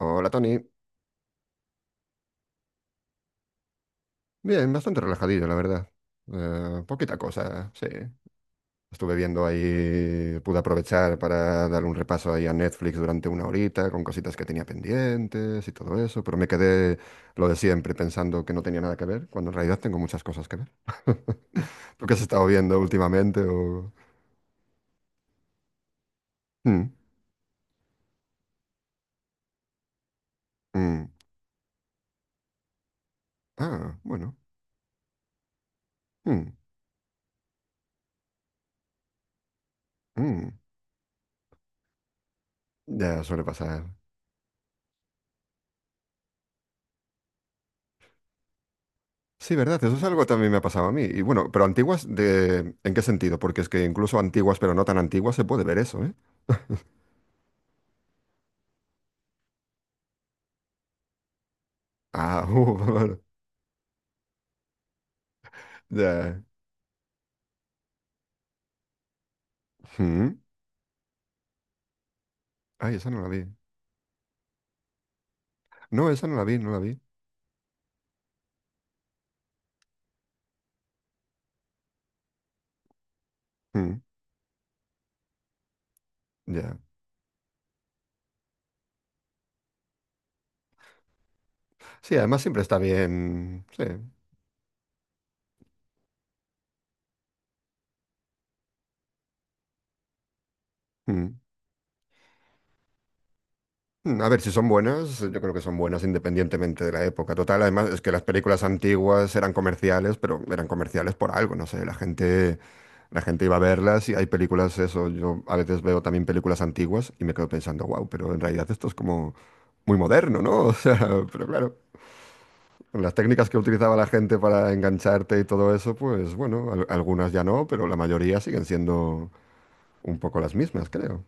Hola Tony, bien, bastante relajadillo la verdad. Poquita cosa, sí. Estuve viendo ahí, pude aprovechar para dar un repaso ahí a Netflix durante una horita con cositas que tenía pendientes y todo eso, pero me quedé lo de siempre pensando que no tenía nada que ver, cuando en realidad tengo muchas cosas que ver. ¿Tú qué has estado viendo últimamente? O... Mm, mm. Ah, bueno. Mm, mm. Ya suele pasar. Sí, verdad, eso es algo que también me ha pasado a mí. Y bueno, pero antiguas, de... ¿en qué sentido? Porque es que incluso antiguas, pero no tan antiguas, se puede ver eso, ¿eh? Ah, vale. Ya. Mm. Ay, esa no la vi. No, esa no la vi, no la vi. Mm, ya. Sí, además siempre está bien. Sí. Mm. Mm, a ver, si son buenas, yo creo que son buenas independientemente de la época. Total, además es que las películas antiguas eran comerciales, pero eran comerciales por algo, no sé, la gente iba a verlas y hay películas, eso, yo a veces veo también películas antiguas y me quedo pensando, wow, pero en realidad esto es como muy moderno, ¿no? O sea, pero claro, las técnicas que utilizaba la gente para engancharte y todo eso, pues bueno, algunas ya no, pero la mayoría siguen siendo un poco las mismas, creo.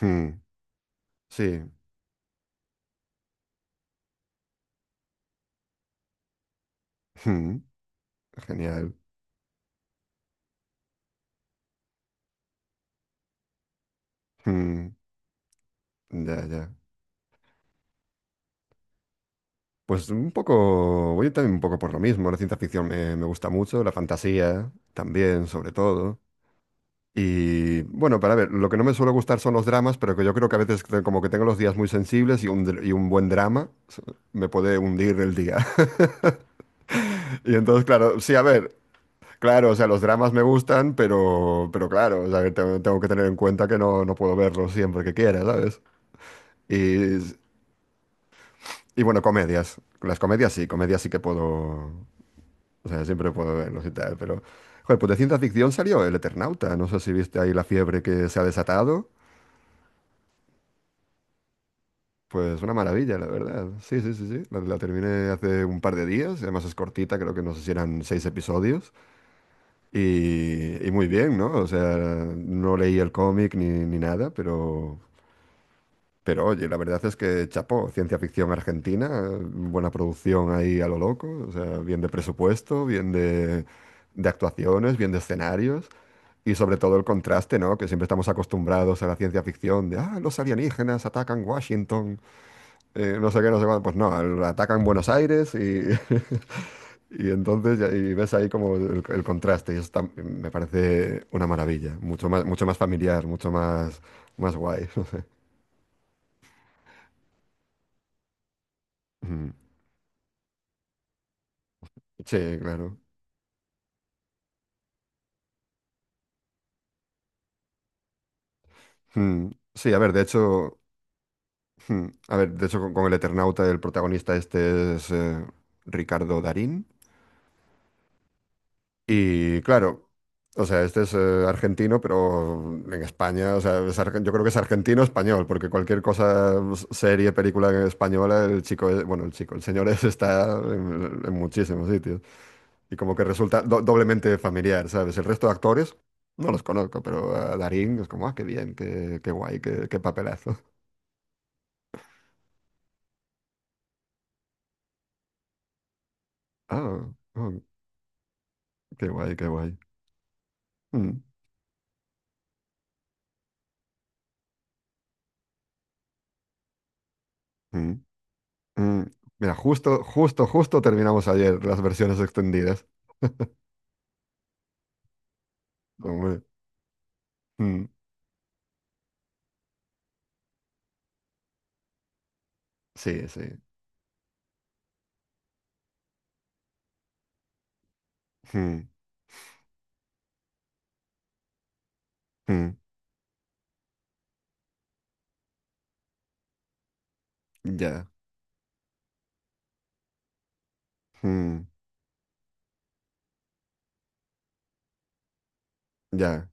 Mm, sí. Mm, genial. Mm. Ya, ya. Pues un poco, voy también un poco por lo mismo. La ciencia ficción me, me gusta mucho, la fantasía también, sobre todo. Y bueno, para ver, lo que no me suele gustar son los dramas, pero que yo creo que a veces como que tengo los días muy sensibles y y un buen drama me puede hundir el día. Y entonces, claro, sí, a ver, claro, o sea, los dramas me gustan, pero claro, o sea, que tengo, tengo que tener en cuenta que no, no puedo verlos siempre que quiera, ¿sabes? Y, y bueno, comedias. Las comedias sí que puedo. O sea, siempre puedo verlos y tal, pero... Joder, pues de ciencia ficción salió El Eternauta. No sé si viste ahí la fiebre que se ha desatado. Pues una maravilla, la verdad. Sí, sí, sí, sí. La terminé hace un par de días. Y además es cortita, creo que no sé si eran seis episodios. Y muy bien, ¿no? O sea, no leí el cómic ni nada, pero... Pero oye, la verdad es que chapó, ciencia ficción argentina, buena producción ahí a lo loco, o sea, bien de presupuesto, bien de actuaciones, bien de escenarios y sobre todo el contraste, ¿no? Que siempre estamos acostumbrados a la ciencia ficción de, ah, los alienígenas atacan Washington, no sé qué, no sé cuál. Pues no, atacan Buenos Aires y, y entonces y ves ahí como el contraste y eso me parece una maravilla, mucho más familiar, mucho más, más guay. Ujú. Sí, claro. Mm, sí, a ver, de hecho, a ver, de hecho con, el Eternauta el protagonista este es Ricardo Darín y claro, o sea, este es argentino, pero en España, o sea, es yo creo que es argentino español, porque cualquier cosa, serie, película española, el chico, bueno, el chico, el señor está en muchísimos sitios y como que resulta doblemente familiar, ¿sabes? El resto de actores no los conozco, pero a Darín es como, ah, qué bien, qué guay, qué papelazo. Ah, ok. Qué guay, qué guay. Mm, mm, mm. Mira, justo, justo, justo terminamos ayer las versiones extendidas. Hombre. Mm, sí, sí. Mm, mm, ya. Mm, ya.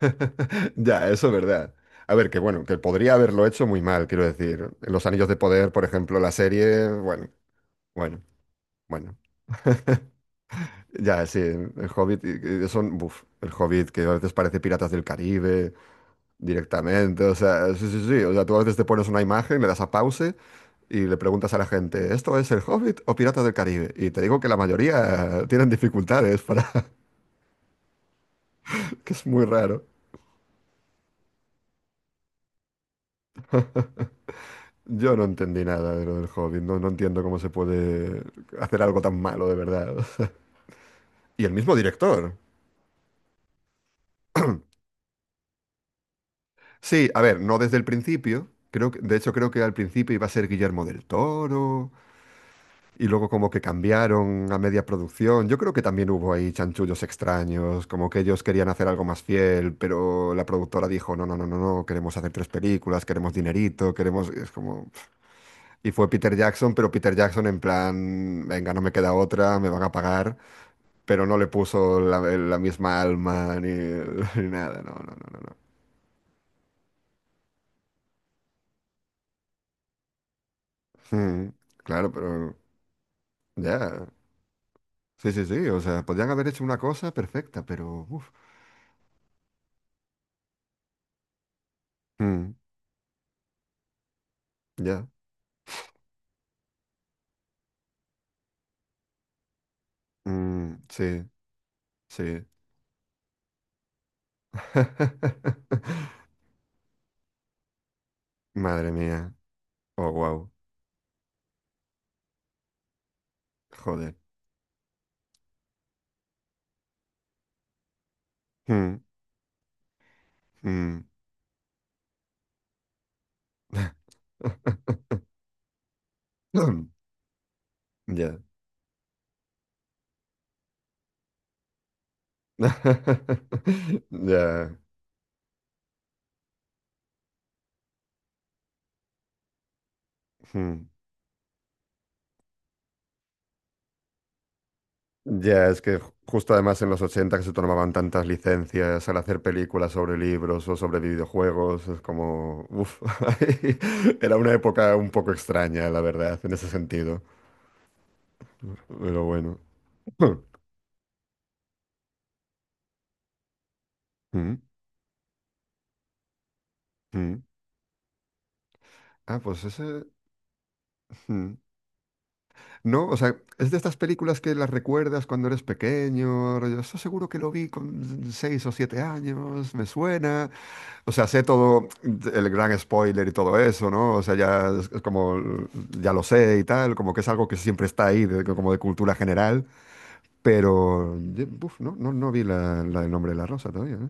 Ya, eso es verdad. A ver, que bueno, que podría haberlo hecho muy mal, quiero decir. Los Anillos de Poder, por ejemplo, la serie, bueno, bueno, bueno. Ya, sí, el Hobbit, y son, buf, el Hobbit que a veces parece Piratas del Caribe directamente, o sea, sí, sí, sí, o sea, tú a veces te pones una imagen, le das a pause y le preguntas a la gente, ¿esto es el Hobbit o Piratas del Caribe? Y te digo que la mayoría tienen dificultades para, que es muy raro. Yo no entendí nada de lo del Hobbit, no, no entiendo cómo se puede hacer algo tan malo de verdad. Y el mismo director. Sí, a ver, no desde el principio. Creo que, de hecho, creo que al principio iba a ser Guillermo del Toro. Y luego como que cambiaron a media producción. Yo creo que también hubo ahí chanchullos extraños, como que ellos querían hacer algo más fiel, pero la productora dijo, no, no, no, no, no, queremos hacer tres películas, queremos dinerito, queremos... Es como... Y fue Peter Jackson, pero Peter Jackson en plan, venga, no me queda otra, me van a pagar, pero no le puso la misma alma ni, ni nada, no, no, no, no. No. Mm, claro, pero ya. Sí, sí, sí, o sea, podrían haber hecho una cosa perfecta, pero... uf, mm, ya. Mm, sí, sí. Madre mía. Oh, wow. Joder. Mm, mm. Ya. Ya. Mm. Ya, es que justo además en los ochenta que se tomaban tantas licencias al hacer películas sobre libros o sobre videojuegos, es como... Uf. Era una época un poco extraña, la verdad, en ese sentido. Pero bueno. Mm, mm. Ah, pues ese... Mm. ¿No? O sea, es de estas películas que las recuerdas cuando eres pequeño. Yo estoy seguro que lo vi con 6 o 7 años, me suena. O sea, sé todo el gran spoiler y todo eso, ¿no? O sea, ya es como, ya lo sé y tal, como que es algo que siempre está ahí, como de cultura general. Pero, buf, no, no, no vi la, del Nombre de la Rosa todavía, ¿eh?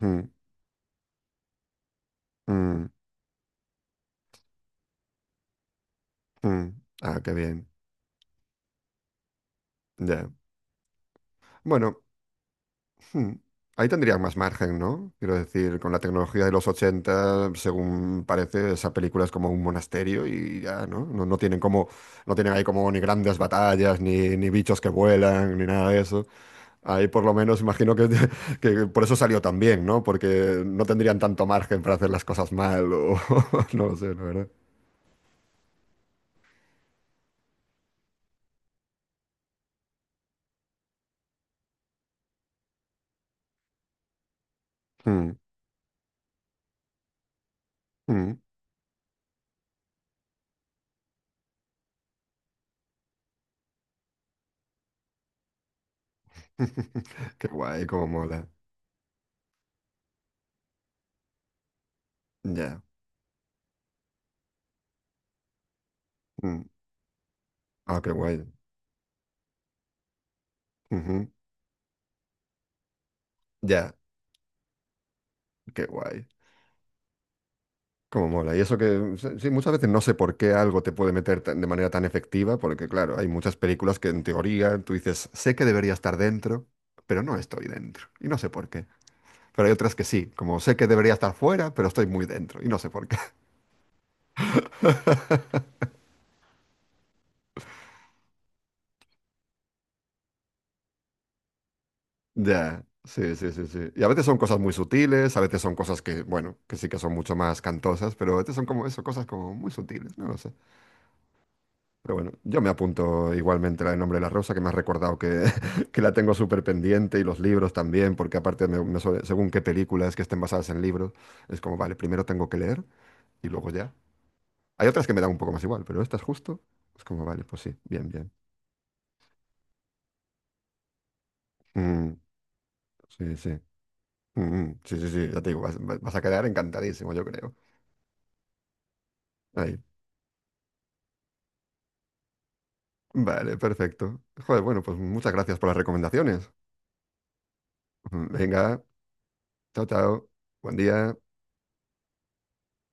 Mm, mm, mm. Ah, qué bien. Ya. Bueno. Hmm. Ahí tendrían más margen, ¿no? Quiero decir, con la tecnología de los 80, según parece, esa película es como un monasterio y ya, ¿no? No, no tienen como, no tienen ahí como ni grandes batallas, ni bichos que vuelan, ni nada de eso. Ahí por lo menos imagino que, que por eso salió tan bien, ¿no? Porque no tendrían tanto margen para hacer las cosas mal o no lo sé, la verdad. Hmm, hmm. Qué guay, cómo mola. Ya. Mm. Ah, qué guay. Ujú. Ya, qué guay. Como mola. Y eso que, sí, muchas veces no sé por qué algo te puede meter de manera tan efectiva, porque claro, hay muchas películas que en teoría tú dices, sé que debería estar dentro, pero no estoy dentro. Y no sé por qué. Pero hay otras que sí, como sé que debería estar fuera, pero estoy muy dentro. Y no sé por qué. Ya, sí, sí, sí, sí. Y a veces son cosas muy sutiles, a veces son cosas que, bueno, que sí que son mucho más cantosas, pero a veces son como eso, cosas como muy sutiles, no lo sé. Pero bueno, yo me apunto igualmente la de Nombre de la Rosa, que me has recordado que, que la tengo súper pendiente y los libros también, porque aparte, según qué películas que estén basadas en libros, es como, vale, primero tengo que leer y luego ya. Hay otras que me dan un poco más igual, pero estas justo. Es como, vale, pues sí, bien, bien. Mm, sí, sí. Mm, mm, sí, sí, sí, ya te digo, vas, vas a quedar encantadísimo, yo creo. Ahí. Vale, perfecto. Joder, bueno, pues muchas gracias por las recomendaciones. Venga, chao, chao. Buen día.